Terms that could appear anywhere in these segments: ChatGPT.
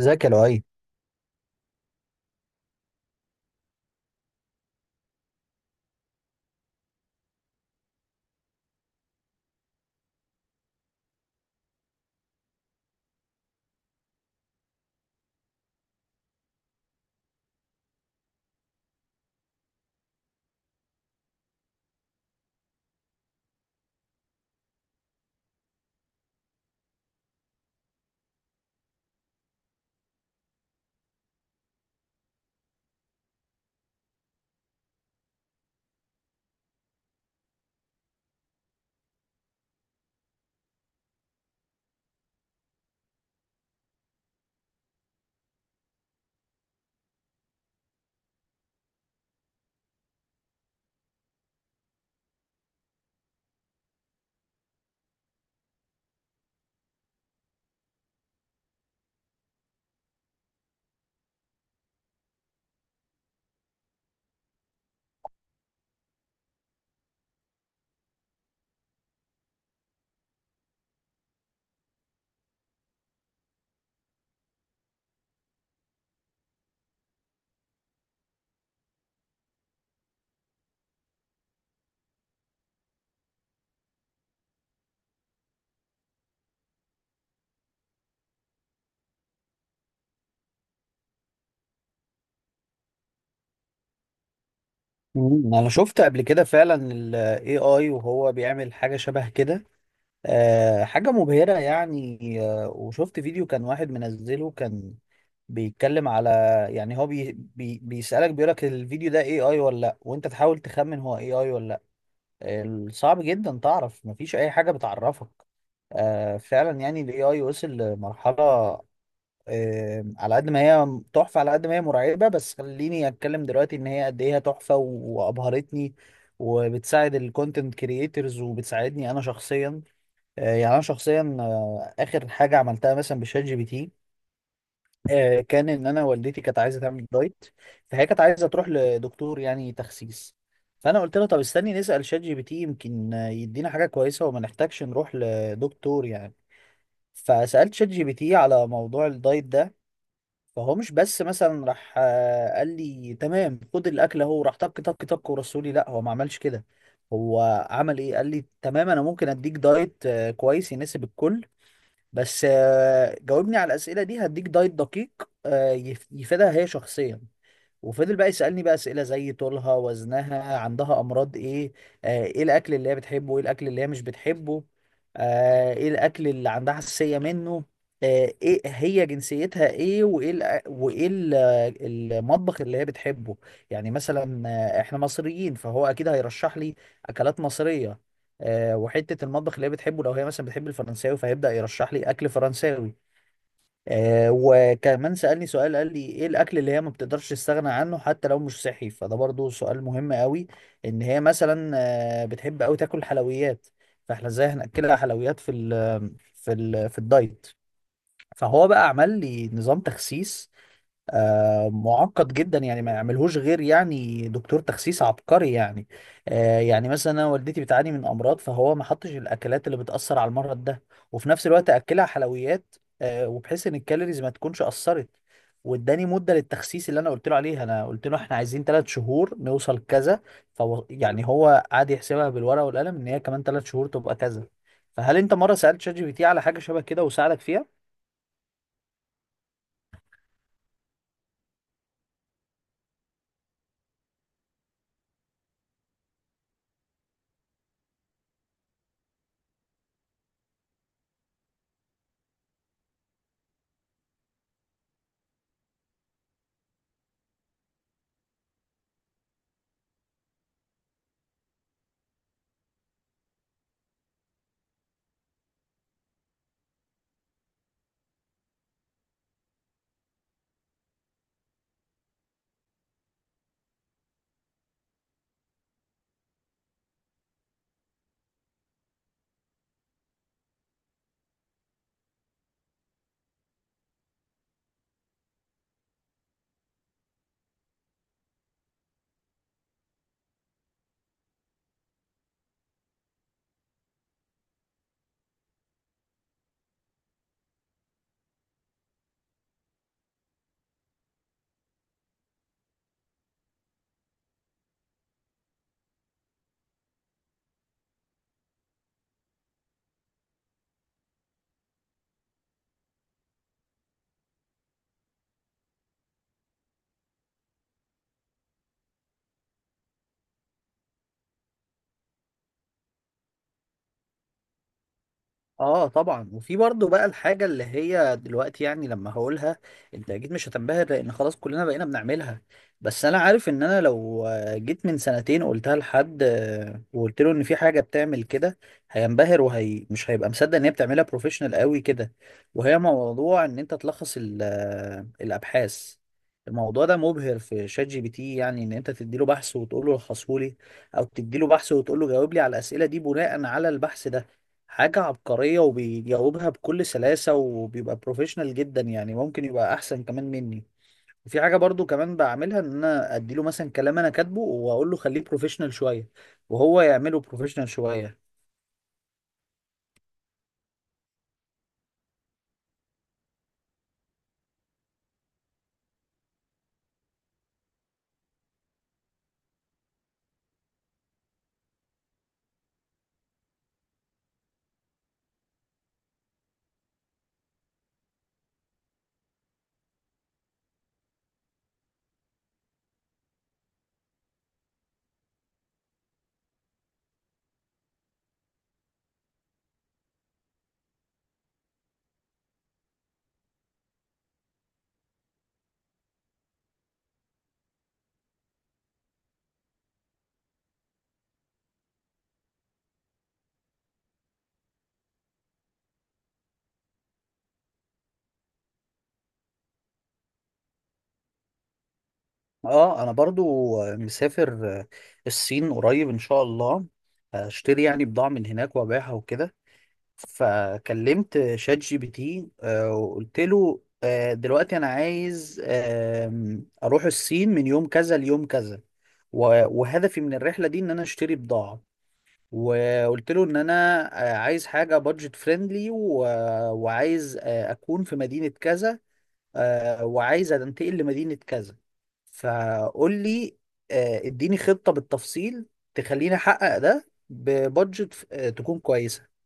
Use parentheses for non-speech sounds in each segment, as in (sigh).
ذكي ال AI. انا شفت قبل كده فعلا ال AI وهو بيعمل حاجة شبه كده. حاجة مبهرة يعني. وشفت فيديو كان واحد منزله كان بيتكلم على، يعني هو بي بي بيسألك بيقولك الفيديو ده AI ولا لا، وانت تحاول تخمن هو AI ولا لا. صعب جدا تعرف، مفيش اي حاجة بتعرفك. فعلا يعني ال AI وصل لمرحلة. على قد ما هي تحفة على قد ما هي مرعبة، بس خليني اتكلم دلوقتي ان هي قد ايه هي تحفة وابهرتني وبتساعد الكونتنت كرييترز وبتساعدني انا شخصيا. يعني انا شخصيا، اخر حاجة عملتها مثلا بشات جي بي تي، كان ان انا والدتي كانت عايزة تعمل دايت. فهي كانت عايزة تروح لدكتور يعني تخسيس. فانا قلت لها طب استني نسأل شات جي بي تي يمكن يدينا حاجة كويسة وما نحتاجش نروح لدكتور يعني. فسألت شات جي بي تي على موضوع الدايت ده. فهو مش بس مثلا راح قال لي تمام خد الاكل اهو راح طك طك طك ورسولي. لا، هو ما عملش كده. هو عمل ايه؟ قال لي تمام انا ممكن اديك دايت كويس يناسب الكل، بس جاوبني على الاسئله دي هديك دايت دقيق يفيدها هي شخصيا. وفضل بقى يسألني بقى أسئلة زي طولها، وزنها، عندها أمراض إيه، إيه الأكل اللي هي بتحبه، إيه الأكل اللي هي مش بتحبه، إيه الأكل اللي عندها حساسية منه، إيه هي جنسيتها إيه، وإيه المطبخ اللي هي بتحبه. يعني مثلا إحنا مصريين فهو أكيد هيرشح لي أكلات مصرية. وحتة المطبخ اللي هي بتحبه لو هي مثلا بتحب الفرنساوي فهيبدأ يرشح لي أكل فرنساوي. وكمان سألني سؤال، قال لي ايه الاكل اللي هي ما بتقدرش تستغنى عنه حتى لو مش صحي، فده برضو سؤال مهم قوي. ان هي مثلا بتحب قوي تاكل حلويات، فاحنا ازاي هنأكلها حلويات في الدايت؟ فهو بقى عمل لي نظام تخسيس معقد جدا، يعني ما يعملهوش غير يعني دكتور تخسيس عبقري يعني. يعني مثلا انا والدتي بتعاني من امراض، فهو ما حطش الاكلات اللي بتاثر على المرض ده، وفي نفس الوقت اكلها حلويات وبحيث ان الكالوريز ما تكونش اثرت. واداني مده للتخسيس اللي انا قلت له عليها، انا قلت له احنا عايزين ثلاث شهور نوصل كذا، فهو يعني هو قعد يحسبها بالورقه والقلم ان هي كمان ثلاث شهور تبقى كذا. فهل انت مره سالت شات جي بي تي على حاجه شبه كده وساعدك فيها؟ اه، طبعا. وفي برضه بقى الحاجة اللي هي دلوقتي، يعني لما هقولها انت اكيد مش هتنبهر لان خلاص كلنا بقينا بنعملها، بس انا عارف ان انا لو جيت من سنتين قلتها لحد وقلت له ان في حاجة بتعمل كده هينبهر، وهي مش هيبقى مصدق ان هي بتعملها بروفيشنال قوي كده. وهي موضوع ان انت تلخص الابحاث. الموضوع ده مبهر في شات جي بي تي، يعني ان انت تديله بحث وتقول له لخصه لي، او تديله بحث وتقول له جاوب لي على الاسئله دي بناء على البحث ده. حاجة عبقرية وبيجاوبها بكل سلاسة وبيبقى بروفيشنال جدا، يعني ممكن يبقى أحسن كمان مني. وفي حاجة برضو كمان بعملها، إن أنا أديله مثلا كلام أنا كاتبه وأقول له خليه بروفيشنال شوية وهو يعمله بروفيشنال شوية. اه، انا برضو مسافر الصين قريب ان شاء الله، هشتري يعني بضاعة من هناك وابيعها وكده. فكلمت شات جي بي تي وقلت له دلوقتي انا عايز اروح الصين من يوم كذا ليوم كذا، وهدفي من الرحله دي ان انا اشتري بضاعه. وقلت له ان انا عايز حاجه بادجت فريندلي، وعايز اكون في مدينه كذا، وعايز انتقل لمدينه كذا، فقول لي اديني خطه بالتفصيل تخليني احقق ده ببادجت تكون كويسه.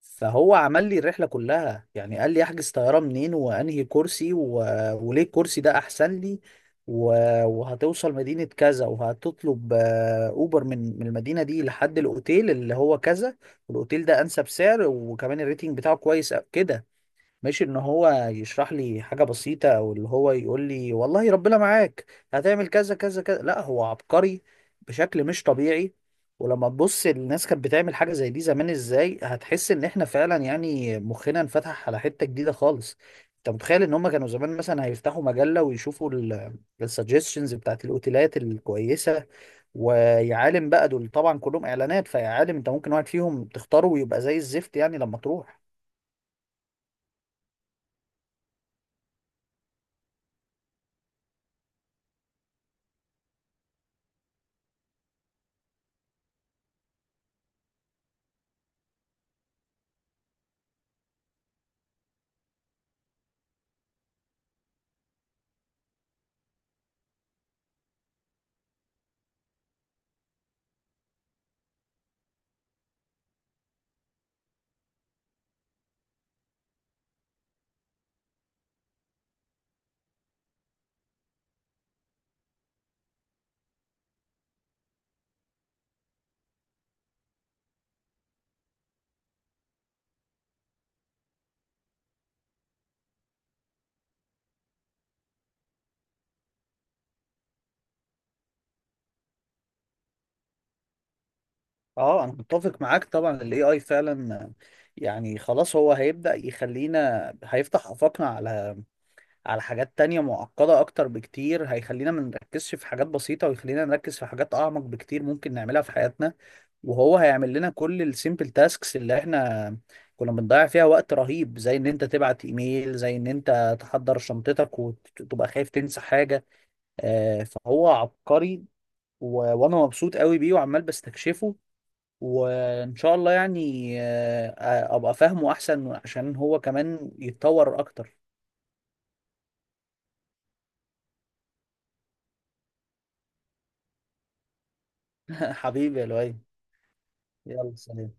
فهو عمل لي الرحله كلها، يعني قال لي احجز طياره منين وانهي كرسي وليه الكرسي ده احسن لي، و... وهتوصل مدينه كذا وهتطلب اوبر من المدينه دي لحد الاوتيل اللي هو كذا، والاوتيل ده انسب سعر وكمان الريتنج بتاعه كويس أوي كده. مش ان هو يشرح لي حاجة بسيطة او اللي هو يقول لي والله ربنا معاك هتعمل كذا كذا كذا، لا هو عبقري بشكل مش طبيعي. ولما تبص الناس كانت بتعمل حاجة زي دي زمان ازاي، هتحس ان احنا فعلا يعني مخنا انفتح على حتة جديدة خالص. انت متخيل ان هم كانوا زمان مثلا هيفتحوا مجلة ويشوفوا السجستشنز بتاعت الاوتيلات الكويسة، ويعالم بقى دول طبعا كلهم اعلانات فيعالم انت ممكن واحد فيهم تختاره ويبقى زي الزفت يعني لما تروح. اه، انا متفق معاك طبعا، الاي اي فعلا يعني خلاص هو هيبدأ يخلينا، هيفتح آفاقنا على حاجات تانية معقدة اكتر بكتير، هيخلينا ما نركزش في حاجات بسيطة ويخلينا نركز في حاجات اعمق بكتير ممكن نعملها في حياتنا. وهو هيعمل لنا كل السيمبل تاسكس اللي احنا كنا بنضيع فيها وقت رهيب، زي ان انت تبعت ايميل، زي ان انت تحضر شنطتك وتبقى خايف تنسى حاجة. فهو عبقري وانا مبسوط قوي بيه وعمال بستكشفه، وان شاء الله يعني ابقى فاهمه احسن عشان هو كمان يتطور اكتر. (laughs) حبيبي يا لؤي، يلا سلام.